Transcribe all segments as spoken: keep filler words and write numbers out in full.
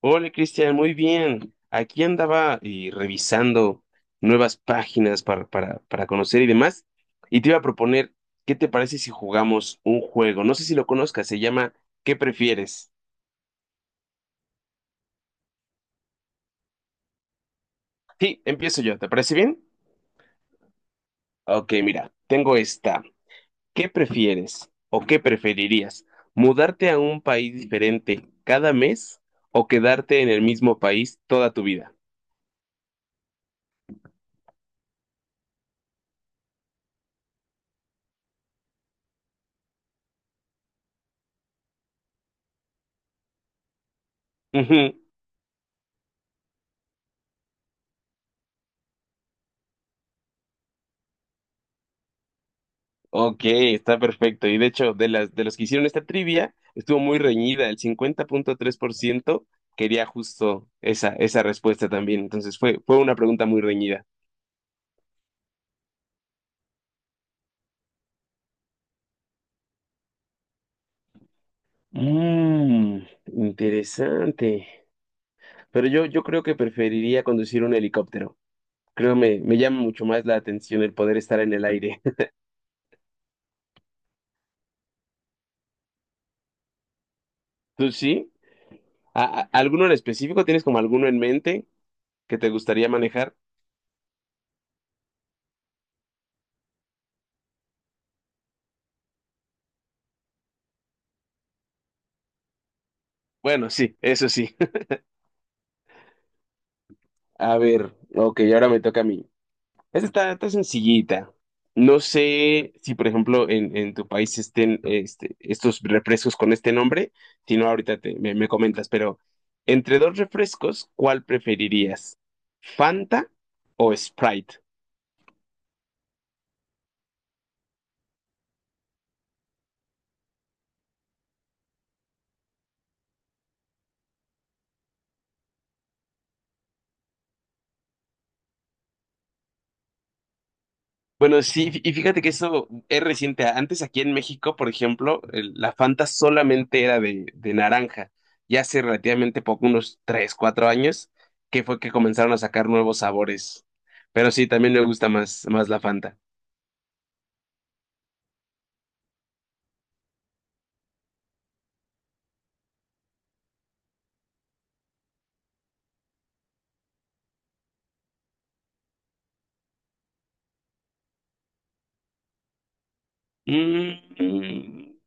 Hola Cristian, muy bien. Aquí andaba y revisando nuevas páginas para, para, para conocer y demás. Y te iba a proponer, ¿qué te parece si jugamos un juego? No sé si lo conozcas, se llama ¿Qué prefieres? Sí, empiezo yo, ¿te parece bien? Ok, mira, tengo esta. ¿Qué prefieres o qué preferirías? ¿Mudarte a un país diferente cada mes o quedarte en el mismo país toda tu vida? Ok, está perfecto. Y de hecho, de las, de los que hicieron esta trivia, estuvo muy reñida. El cincuenta punto tres por ciento quería justo esa, esa respuesta también. Entonces fue, fue una pregunta muy reñida. Mmm, Interesante. Pero yo, yo creo que preferiría conducir un helicóptero. Creo me, me llama mucho más la atención el poder estar en el aire. ¿Tú sí? ¿A- a- ¿Alguno en específico? ¿Tienes como alguno en mente que te gustaría manejar? Bueno, sí, eso sí. A ver, ok, ahora me toca a mí. Esta está, está sencillita. No sé si, por ejemplo, en, en tu país estén este, estos refrescos con este nombre. Si no, ahorita te- me, me comentas, pero entre dos refrescos, ¿cuál preferirías? ¿Fanta o Sprite? Bueno, sí, fí- y fíjate que eso es reciente. Antes aquí en México, por ejemplo, el- la Fanta solamente era de, de naranja. Y hace relativamente poco, unos tres cuatro años, que fue que comenzaron a sacar nuevos sabores. Pero sí, también me gusta más, más la Fanta. Mm, mm.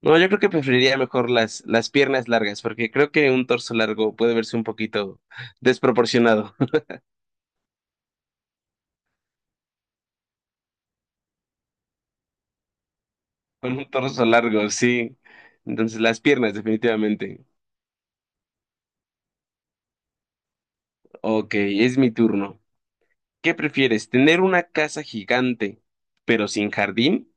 No, yo creo que preferiría mejor las, las piernas largas, porque creo que un torso largo puede verse un poquito desproporcionado. Con un torso largo, sí. Entonces, las piernas, definitivamente. Ok, es mi turno. ¿Qué prefieres, tener una casa gigante, pero sin jardín?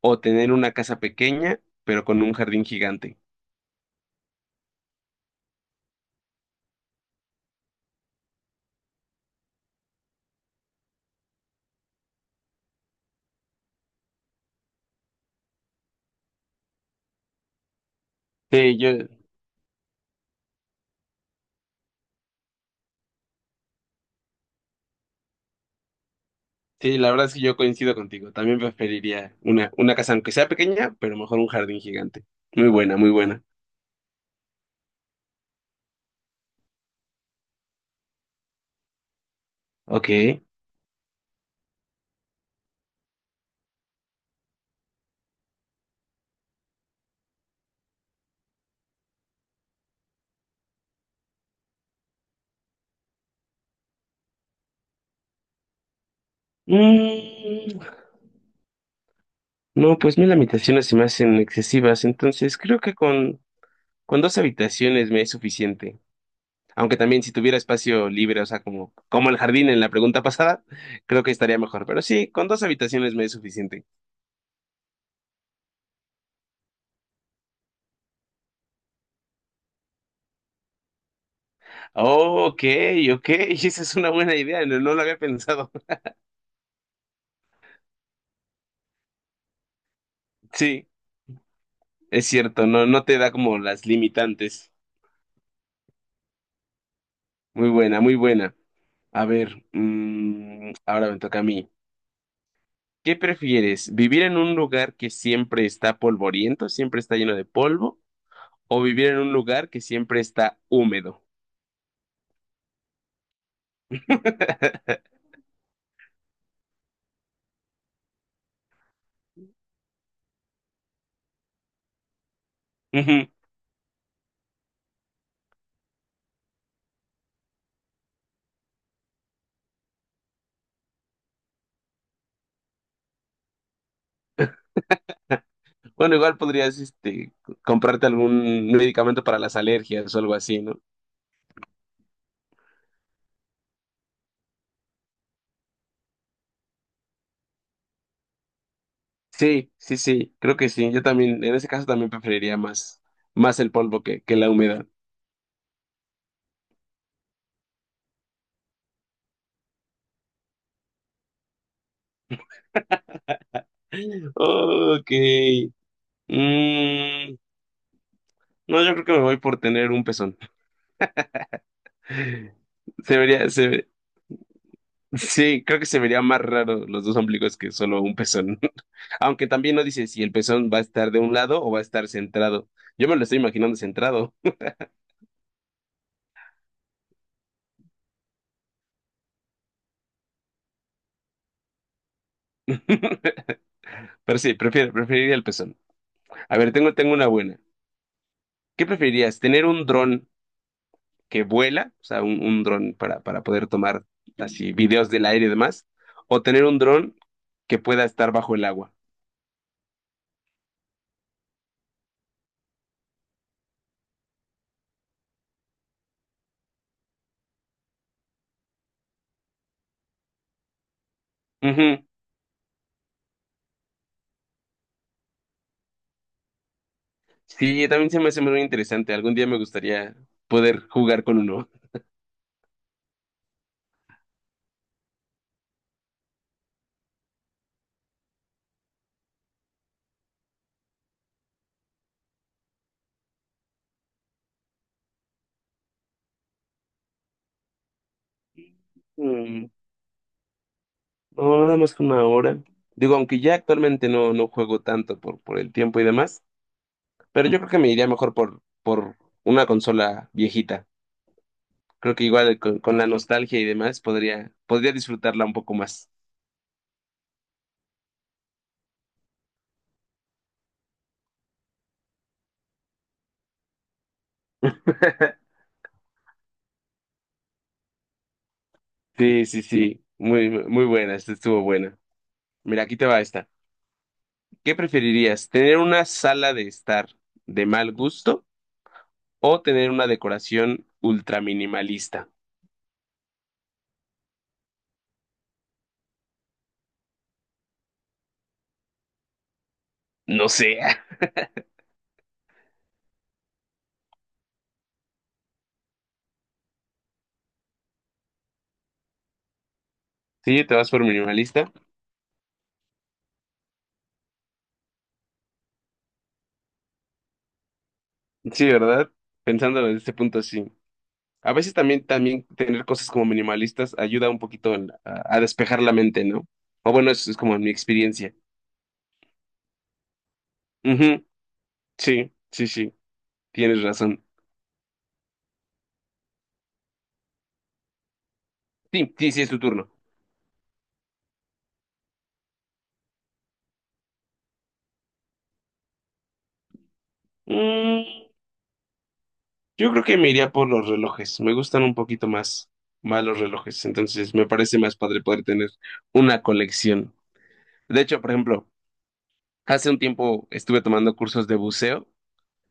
¿O tener una casa pequeña, pero con un jardín gigante? Sí, yo, sí, la verdad es que yo coincido contigo. También preferiría una, una casa, aunque sea pequeña, pero mejor un jardín gigante. Muy buena, muy buena. Ok. Mm, no, pues mil habitaciones se me hacen excesivas, entonces creo que con, con dos habitaciones me es suficiente. Aunque también si tuviera espacio libre, o sea, como, como el jardín en la pregunta pasada, creo que estaría mejor. Pero sí, con dos habitaciones me es suficiente. Oh, ok, ok, esa es una buena idea, no, no lo había pensado. Sí, es cierto, no, no te da como las limitantes. Muy buena, muy buena. A ver, mm, ahora me toca a mí. ¿Qué prefieres? ¿Vivir en un lugar que siempre está polvoriento, siempre está lleno de polvo, o vivir en un lugar que siempre está húmedo? Ujú. Bueno, igual podrías, este, comprarte algún medicamento para las alergias o algo así, ¿no? Sí, sí, sí, creo que sí. Yo también, en ese caso también preferiría más, más el polvo que, que la humedad. Ok. Mm, no, yo creo que me voy por tener un pezón. Se vería, se, Sí, creo que se vería más raro los dos ombligos que solo un pezón. Aunque también no dice si el pezón va a estar de un lado o va a estar centrado. Yo me lo estoy imaginando centrado, pero sí, prefiero, preferiría el pezón. A ver, tengo, tengo una buena. ¿Qué preferirías? ¿Tener un dron que vuela? O sea, un, un dron para, para poder tomar así videos del aire y demás. ¿O tener un dron que pueda estar bajo el agua? Ujú. Sí, también se me hace muy interesante. Algún día me gustaría poder jugar con uno. Mm. No, nada más que una hora. Digo, aunque ya actualmente no, no juego tanto por, por el tiempo y demás, pero yo creo que me iría mejor por, por una consola viejita. Creo que igual con, con la nostalgia y demás podría, podría disfrutarla un poco más. Sí, sí, sí. Muy, muy buena. Esta estuvo buena. Mira, aquí te va esta. ¿Qué preferirías? ¿Tener una sala de estar de mal gusto o tener una decoración ultra minimalista? No sé. Sí, te vas por minimalista. Sí, ¿verdad? Pensándolo desde este punto, sí. A veces también, también tener cosas como minimalistas ayuda un poquito en- a, a despejar la mente, ¿no? O bueno, eso es como mi experiencia. Ujú. Sí, sí, sí, tienes razón. Sí, sí, sí, es tu turno. Mm, yo creo que me iría por los relojes. Me gustan un poquito más, más los relojes. Entonces me parece más padre poder tener una colección. De hecho, por ejemplo, hace un tiempo estuve tomando cursos de buceo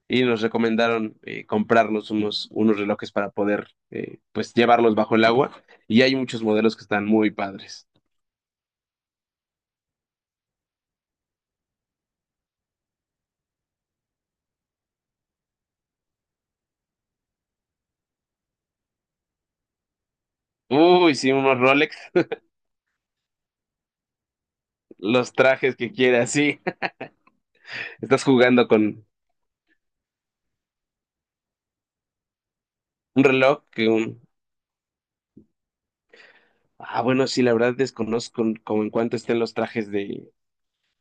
y nos recomendaron eh, comprarnos unos, unos relojes para poder eh, pues llevarlos bajo el agua y hay muchos modelos que están muy padres. Uy, sí, unos Rolex, los trajes que quieras, sí. Estás jugando con un reloj que un... Ah, bueno, sí, la verdad desconozco en- como en cuánto estén los trajes de,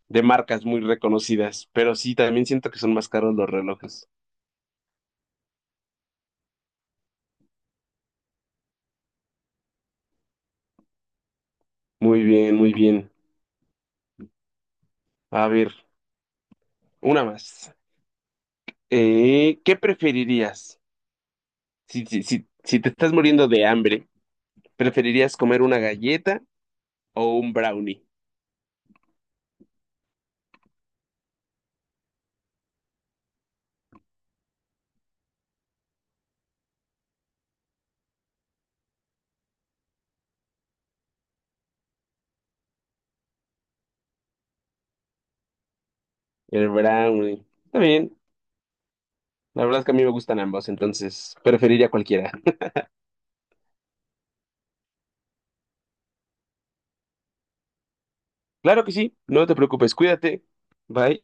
de marcas muy reconocidas, pero sí, también siento que son más caros los relojes. Muy bien, muy bien. A ver, una más. Eh, ¿qué preferirías? Si, si, si, si te estás muriendo de hambre, ¿preferirías comer una galleta o un brownie? El brownie. Está bien. La verdad es que a mí me gustan ambos, entonces preferiría cualquiera. Claro que sí. No te preocupes. Cuídate. Bye.